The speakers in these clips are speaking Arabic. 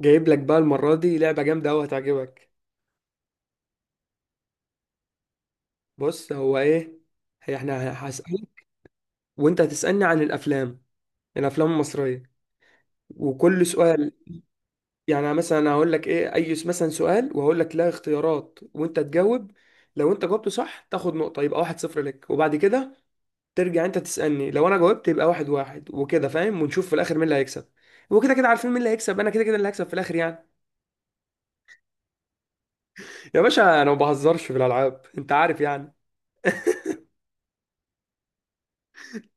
جايب لك بقى المرة دي لعبة جامدة أوي هتعجبك. بص هو إيه، هي إحنا هسألك وأنت هتسألني عن الأفلام، الأفلام المصرية، وكل سؤال يعني مثلا أنا هقول لك إيه أي مثلا سؤال وهقول لك لا اختيارات وأنت تجاوب. لو أنت جاوبته صح تاخد نقطة، يبقى 1-0 لك، وبعد كده ترجع أنت تسألني، لو أنا جاوبت يبقى 1-1 وكده، فاهم؟ ونشوف في الآخر مين اللي هيكسب. وكده كده عارفين مين اللي هيكسب، أنا كده كده اللي هكسب في الآخر يعني. يا باشا أنا ما بهزرش في الألعاب، أنت عارف يعني.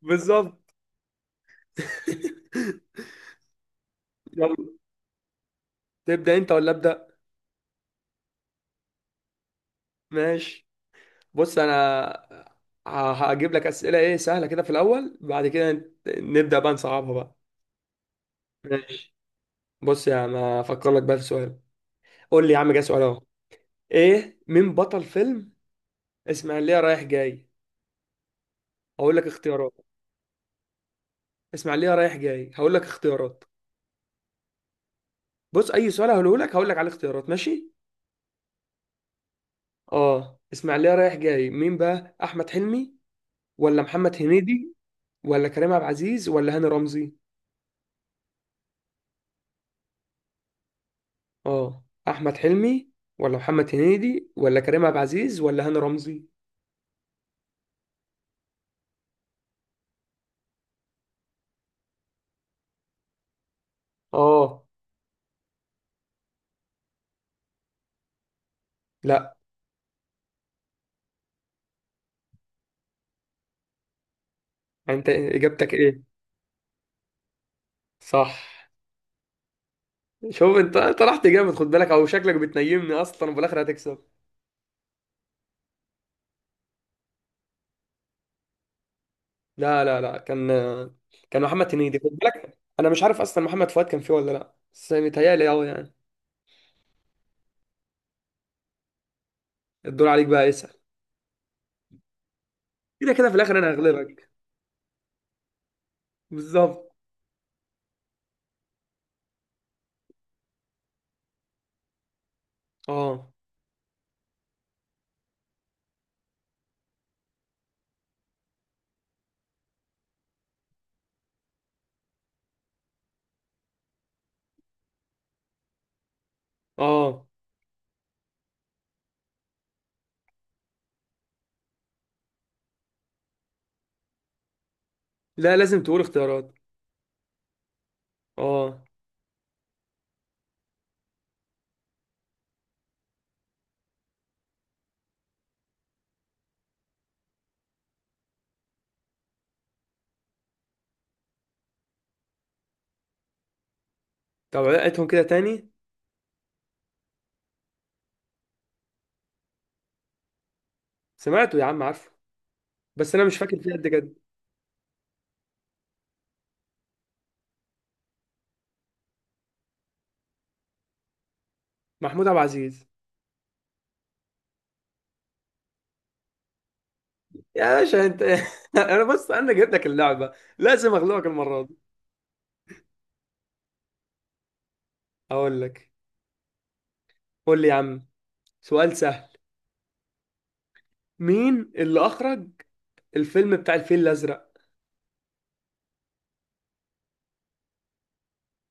بالظبط. يلا. تبدأ انت ولا ابدأ؟ ماشي. بص انا هجيب لك أسئلة ايه سهلة كده في الاول، بعد كده نبدأ بقى نصعبها بقى. ماشي. بص يا عم هفكر لك بقى في سؤال. قول لي يا عم جه سؤال اهو. ايه، مين بطل فيلم اسماعيلية رايح جاي؟ هقول لك اختيارات. اسماعيلية رايح جاي، هقول لك اختيارات. بص اي سؤال هقوله لك هقول لك على الاختيارات، ماشي. اه، اسماعيلية رايح جاي مين بقى، احمد حلمي ولا محمد هنيدي ولا كريم عبد العزيز ولا هاني رمزي؟ اه، احمد حلمي ولا محمد هنيدي ولا كريم عبد العزيز ولا هاني رمزي؟ اه. لا. انت اجابتك ايه؟ صح. شوف انت، رحت جامد، خد بالك، او شكلك بتنيمني اصلا وفي الاخر هتكسب. لا لا لا، كان، كان محمد هنيدي. خد بالك انا مش عارف اصلا محمد فؤاد كان فيه ولا لا، بس متهيألي اه يعني. الدور عليك بقى، اسأل. كده كده في الاخر انا هغلبك. بالظبط. اه. اه. لا لازم تقول اختيارات. اه. طب عيدهم كده تاني. سمعته يا عم عارفه، بس انا مش فاكر فيه قد كده. محمود عبد العزيز. يا باشا انت. انا بص، انا جايب لك اللعبه، لازم اغلبك المره دي. اقول لك، قول لي يا عم سؤال سهل، مين اللي اخرج الفيلم بتاع الفيل الازرق؟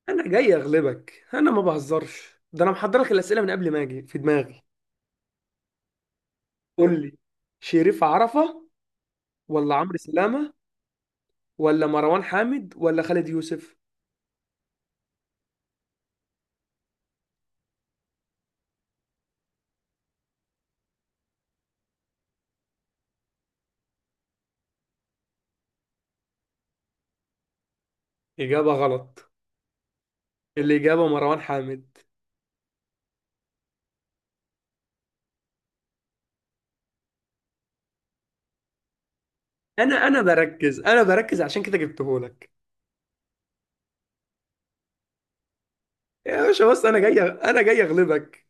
انا جاي اغلبك، انا ما بهزرش، ده انا محضر لك الاسئله من قبل ما اجي في دماغي. قول لي. شريف عرفة ولا عمرو سلامة ولا مروان حامد ولا خالد يوسف؟ اجابه غلط. الاجابه مروان حامد. انا بركز، انا بركز عشان كده جبتهولك. يا باشا بص، انا جاي، انا جاي اغلبك.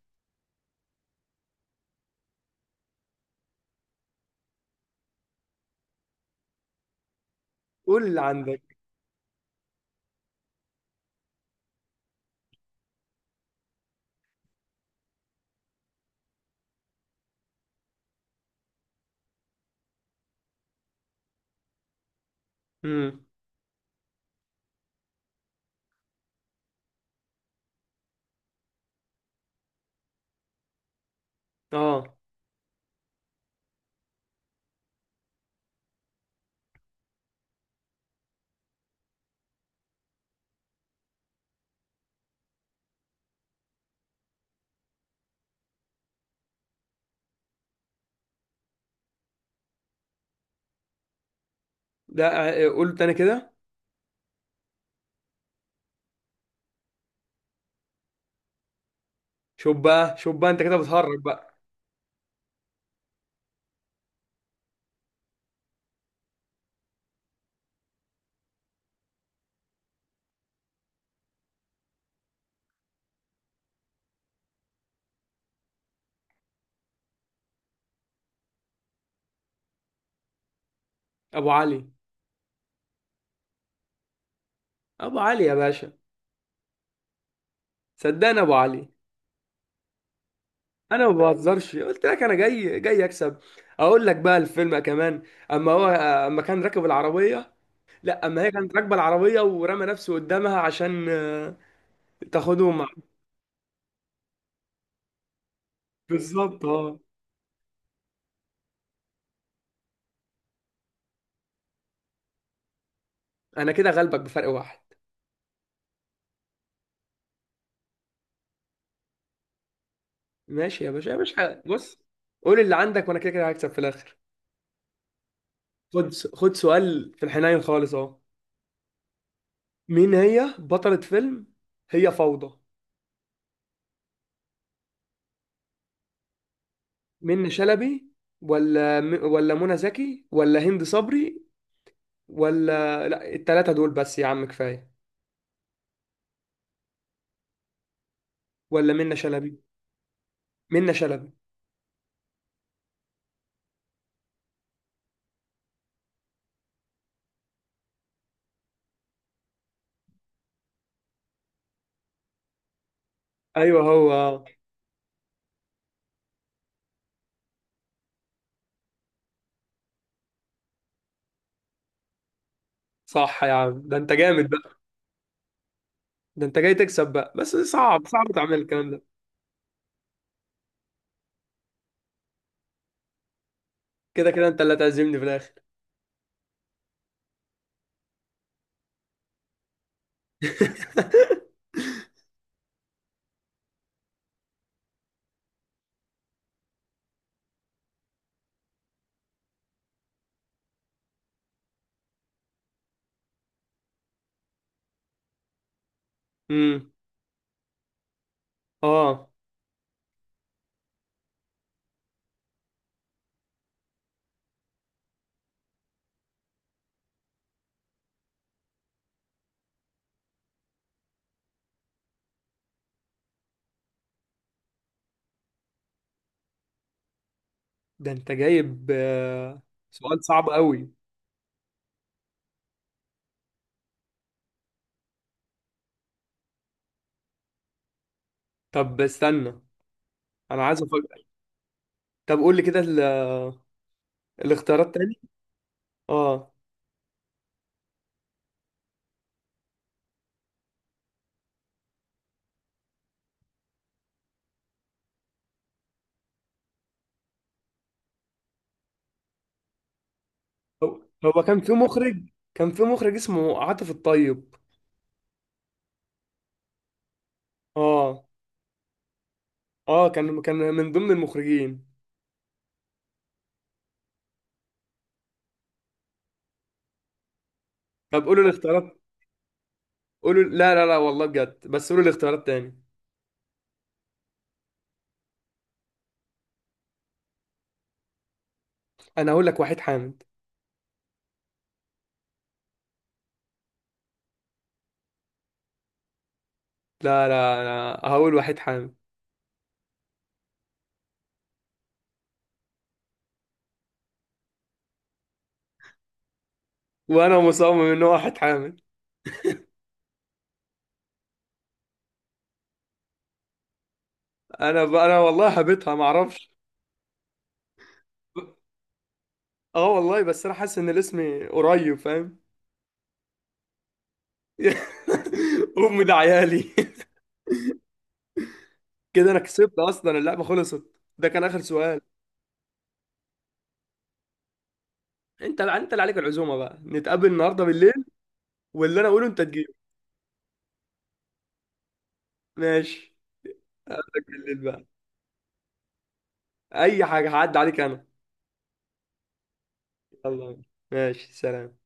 قول اللي عندك. امم. اه. لا، قول تاني كده. شوف بقى شوف بقى، انت كده بتهرج بقى. ابو علي. ابو علي يا باشا. صدقني ابو علي. انا ما بهزرش قلت لك، انا جاي جاي اكسب. اقول لك بقى الفيلم كمان. اما هو، اما كان راكب العربيه، لا اما هي كانت راكبه العربيه ورمى نفسه قدامها عشان تاخده مع. بالظبط اه. انا كده غلبك بفرق واحد. ماشي يا باشا، يا باشا بص. قول اللي عندك وانا كده كده هكسب في الاخر. خد خد سؤال في الحنين خالص اهو. مين هي بطلة فيلم هي فوضى؟ منة شلبي ولا ولا منى زكي ولا هند صبري، ولا لا التلاتة دول بس يا عم كفاية، ولا منة شلبي؟ منة شلبي. ايوه هو آه. صح يا عم، ده انت جامد بقى. ده انت جاي تكسب بقى، بس صعب صعب تعمل الكلام ده. كده كده انت اللي هتعزمني في الاخر. امم، اه. ده انت جايب سؤال صعب قوي. طب استنى، انا عايز افكر. طب قول لي كده الاختيارات تاني. اه. هو هو كان في مخرج، كان في مخرج اسمه عاطف الطيب. اه. اه، كان من ضمن المخرجين. طب قولوا الاختيارات، قولوا. لا لا لا والله بجد، بس قولوا الاختيارات تاني. انا هقول لك وحيد حامد. لا لا، انا هقول وحيد حامد. وانا مصمم ان هو وحيد حامد. انا انا والله هبتها ما اعرفش. اه والله، بس انا حاسس ان الاسم قريب، فاهم. امي ده عيالي. كده انا كسبت اصلا، اللعبه خلصت، ده كان اخر سؤال. انت انت اللي عليك العزومه بقى، نتقابل النهارده بالليل، واللي انا اقوله انت تجيبه. ماشي. اقابلك بالليل بقى، اي حاجه هعدي عليك انا. يلا. ماشي، سلام.